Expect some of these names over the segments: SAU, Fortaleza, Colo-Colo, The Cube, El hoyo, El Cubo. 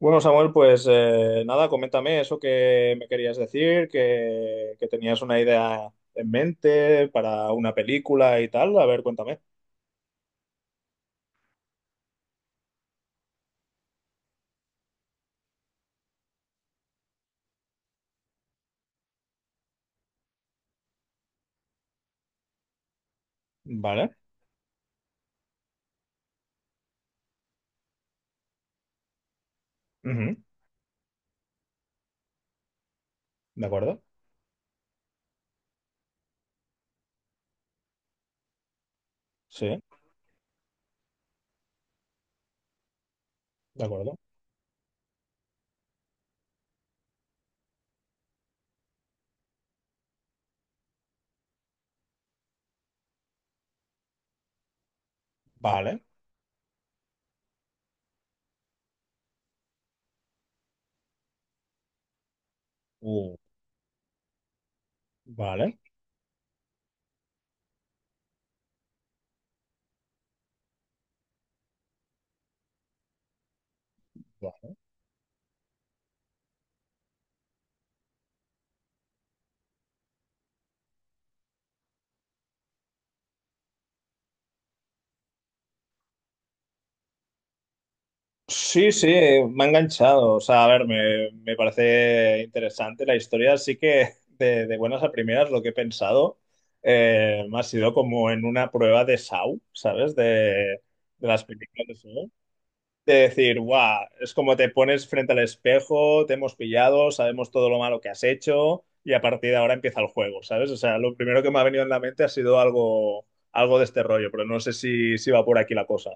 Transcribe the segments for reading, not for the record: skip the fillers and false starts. Bueno, Samuel, pues nada, coméntame eso que me querías decir, que tenías una idea en mente para una película y tal. A ver, cuéntame. Vale. Ujú. De acuerdo. Sí, de acuerdo. Vale. Uh, Vale. Va- Sí, sí, me ha enganchado. O sea, a ver, me parece interesante la historia. Sí que de buenas a primeras lo que he pensado me ha sido como en una prueba de SAU, ¿sabes? De las películas. De S A U. De decir, guau, es como te pones frente al espejo, te hemos pillado, sabemos todo lo malo que has hecho y a partir de ahora empieza el juego, ¿sabes? O sea, lo primero que me ha venido en la mente ha sido algo, algo de este rollo, pero no sé si va por aquí la cosa.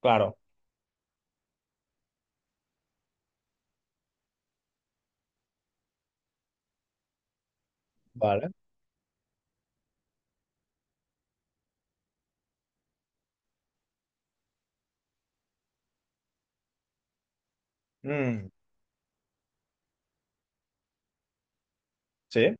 Claro, vale. Mm, sí,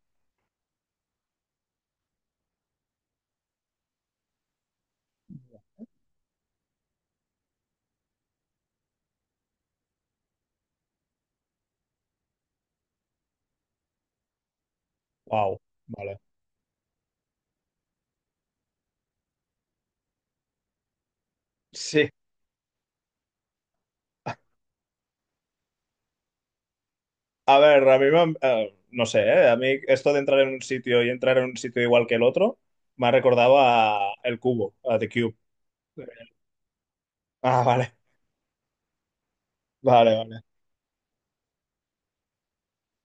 wow, vale. Sí, a ver, a mí me han- no sé, ¿eh? A mí esto de entrar en un sitio y entrar en un sitio igual que el otro me ha recordado a El Cubo, a The Cube. Ah, vale, vale, vale,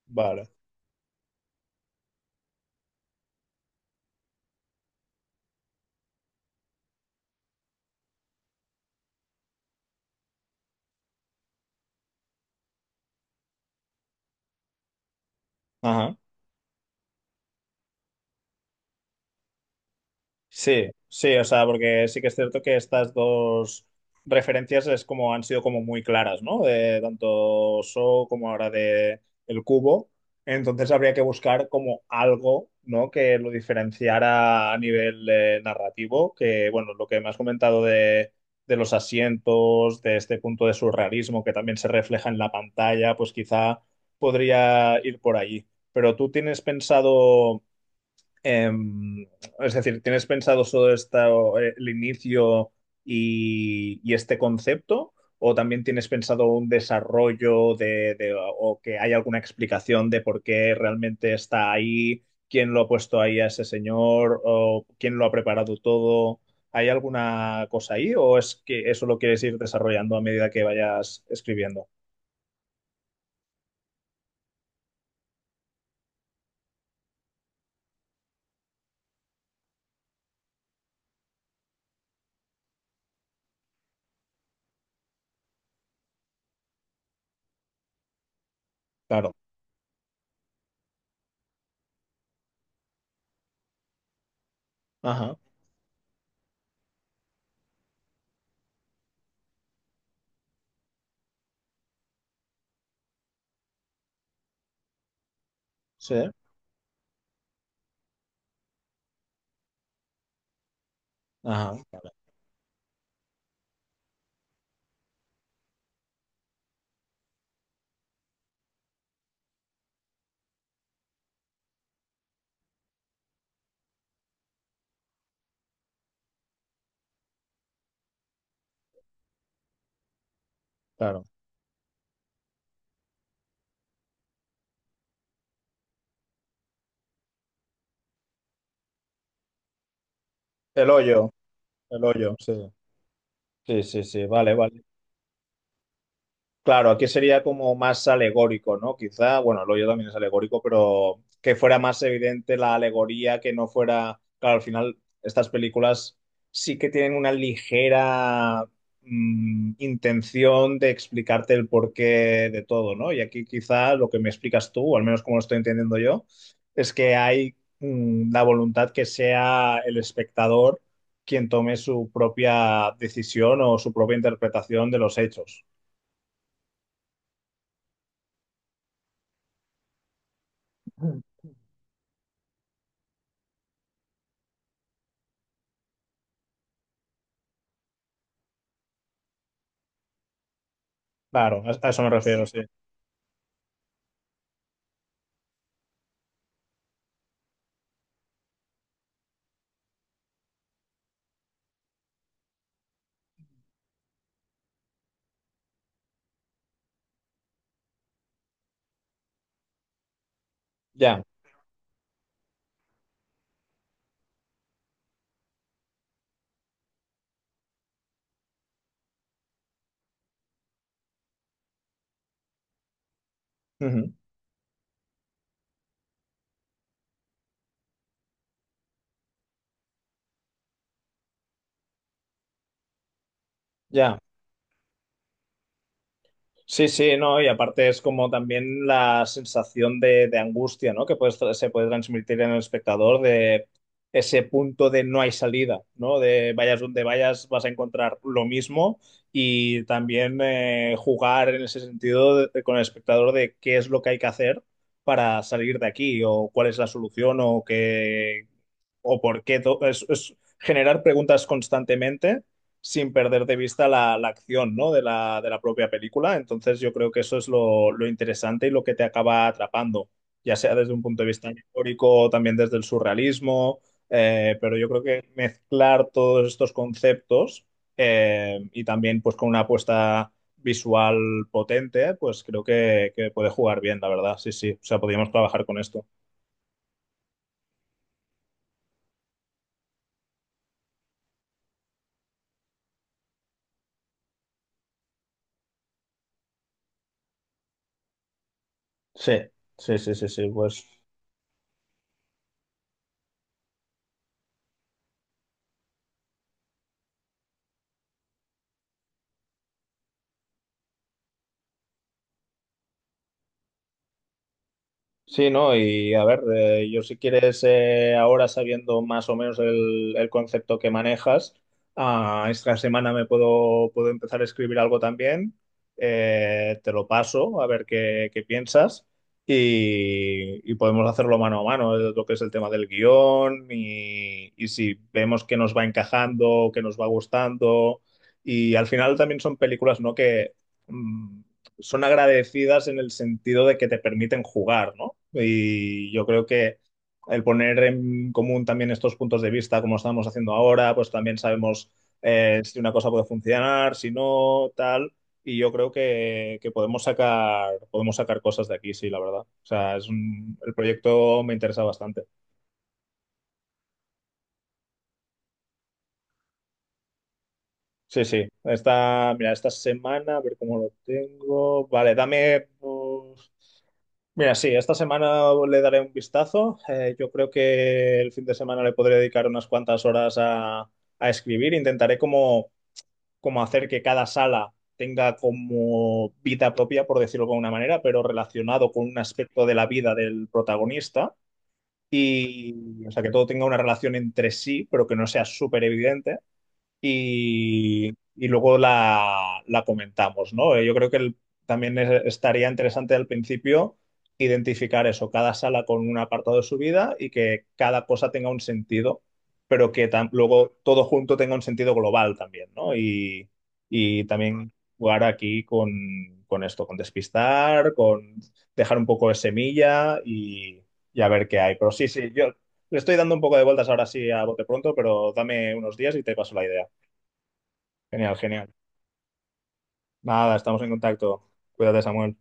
vale. Ajá. Sí, sí, o sea, porque sí que es cierto que estas dos referencias es como han sido como muy claras, ¿no? De tanto So como ahora de El Cubo. Entonces habría que buscar como algo, ¿no? Que lo diferenciara a nivel narrativo, que bueno, lo que me has comentado de los asientos, de este punto de surrealismo que también se refleja en la pantalla, pues quizá podría ir por allí. Pero tú tienes pensado eh, es decir, ¿tienes pensado solo esto, el inicio y este concepto? ¿O también tienes pensado un desarrollo de, o que hay alguna explicación de por qué realmente está ahí? ¿Quién lo ha puesto ahí a ese señor? ¿O quién lo ha preparado todo? ¿Hay alguna cosa ahí? ¿O es que eso lo quieres ir desarrollando a medida que vayas escribiendo? Claro. Ajá. Sí. Ajá. Vale, claro. El hoyo. El hoyo. Sí. Sí, sí, sí. Vale, vale. Claro, aquí sería como más alegórico, ¿no? Quizá, bueno, lo yo también es alegórico, pero que fuera más evidente la alegoría, que no fuera, claro, al final estas películas sí que tienen una ligera mm, intención de explicarte el porqué de todo, ¿no? Y aquí quizá lo que me explicas tú, o al menos como lo estoy entendiendo yo, es que hay mm, la voluntad que sea el espectador quien tome su propia decisión o su propia interpretación de los hechos. Claro, a eso me refiero, sí. Ya, ujú, ya. Sí, sí, no, y aparte es como también la sensación de angustia, ¿no? Que se puede transmitir en el espectador de ese punto de no hay salida, ¿no? De vayas donde vayas vas a encontrar lo mismo y también jugar en ese sentido de- con el espectador de qué es lo que hay que hacer para salir de aquí o cuál es la solución o qué o por qué. Es generar preguntas constantemente sin perder de vista la, la acción, ¿no? De la, de la propia película. Entonces yo creo que eso es lo interesante y lo que te acaba atrapando, ya sea desde un punto de vista histórico, también desde el surrealismo, pero yo creo que mezclar todos estos conceptos y también pues con una apuesta visual potente, pues creo que puede jugar bien, la verdad, sí, sí. O sea, podríamos trabajar con esto. Sí, sí, sí, sí, sí, pues. Sí, ¿no? Y a ver, yo si quieres, ahora sabiendo más o menos el concepto que manejas, ah, esta semana me puedo empezar a escribir algo también, te lo paso a ver qué, qué piensas y podemos hacerlo mano a mano, lo que es el tema del guión y si vemos que nos va encajando, que nos va gustando y al final también son películas, ¿no? Que... mm, son agradecidas en el sentido de que te permiten jugar, ¿no? Y yo creo que el poner en común también estos puntos de vista, como estamos haciendo ahora, pues también sabemos si una cosa puede funcionar, si no, tal. Y yo creo que podemos sacar cosas de aquí, sí, la verdad. O sea, el proyecto me interesa bastante. Sí, sí. Esta, mira, esta semana, a ver cómo lo tengo. Vale, dame. Pues, mira, sí, esta semana le daré un vistazo. Yo creo que el fin de semana le podré dedicar unas cuantas horas a escribir. Intentaré como, como hacer que cada sala tenga como vida propia, por decirlo de alguna manera, pero relacionado con un aspecto de la vida del protagonista. Y, o sea, que todo tenga una relación entre sí, pero que no sea súper evidente y, y luego la, la comentamos, ¿no? Yo creo que también estaría interesante al principio identificar eso, cada sala con un apartado de su vida y que cada cosa tenga un sentido, pero que luego todo junto tenga un sentido global también, ¿no? Y también jugar aquí con esto, con despistar, con dejar un poco de semilla y a ver qué hay. Pero sí, sí, yo... Le estoy dando un poco de vueltas ahora sí a bote pronto, pero dame unos días y te paso la idea. Genial, genial. Nada, estamos en contacto. Cuídate, Samuel.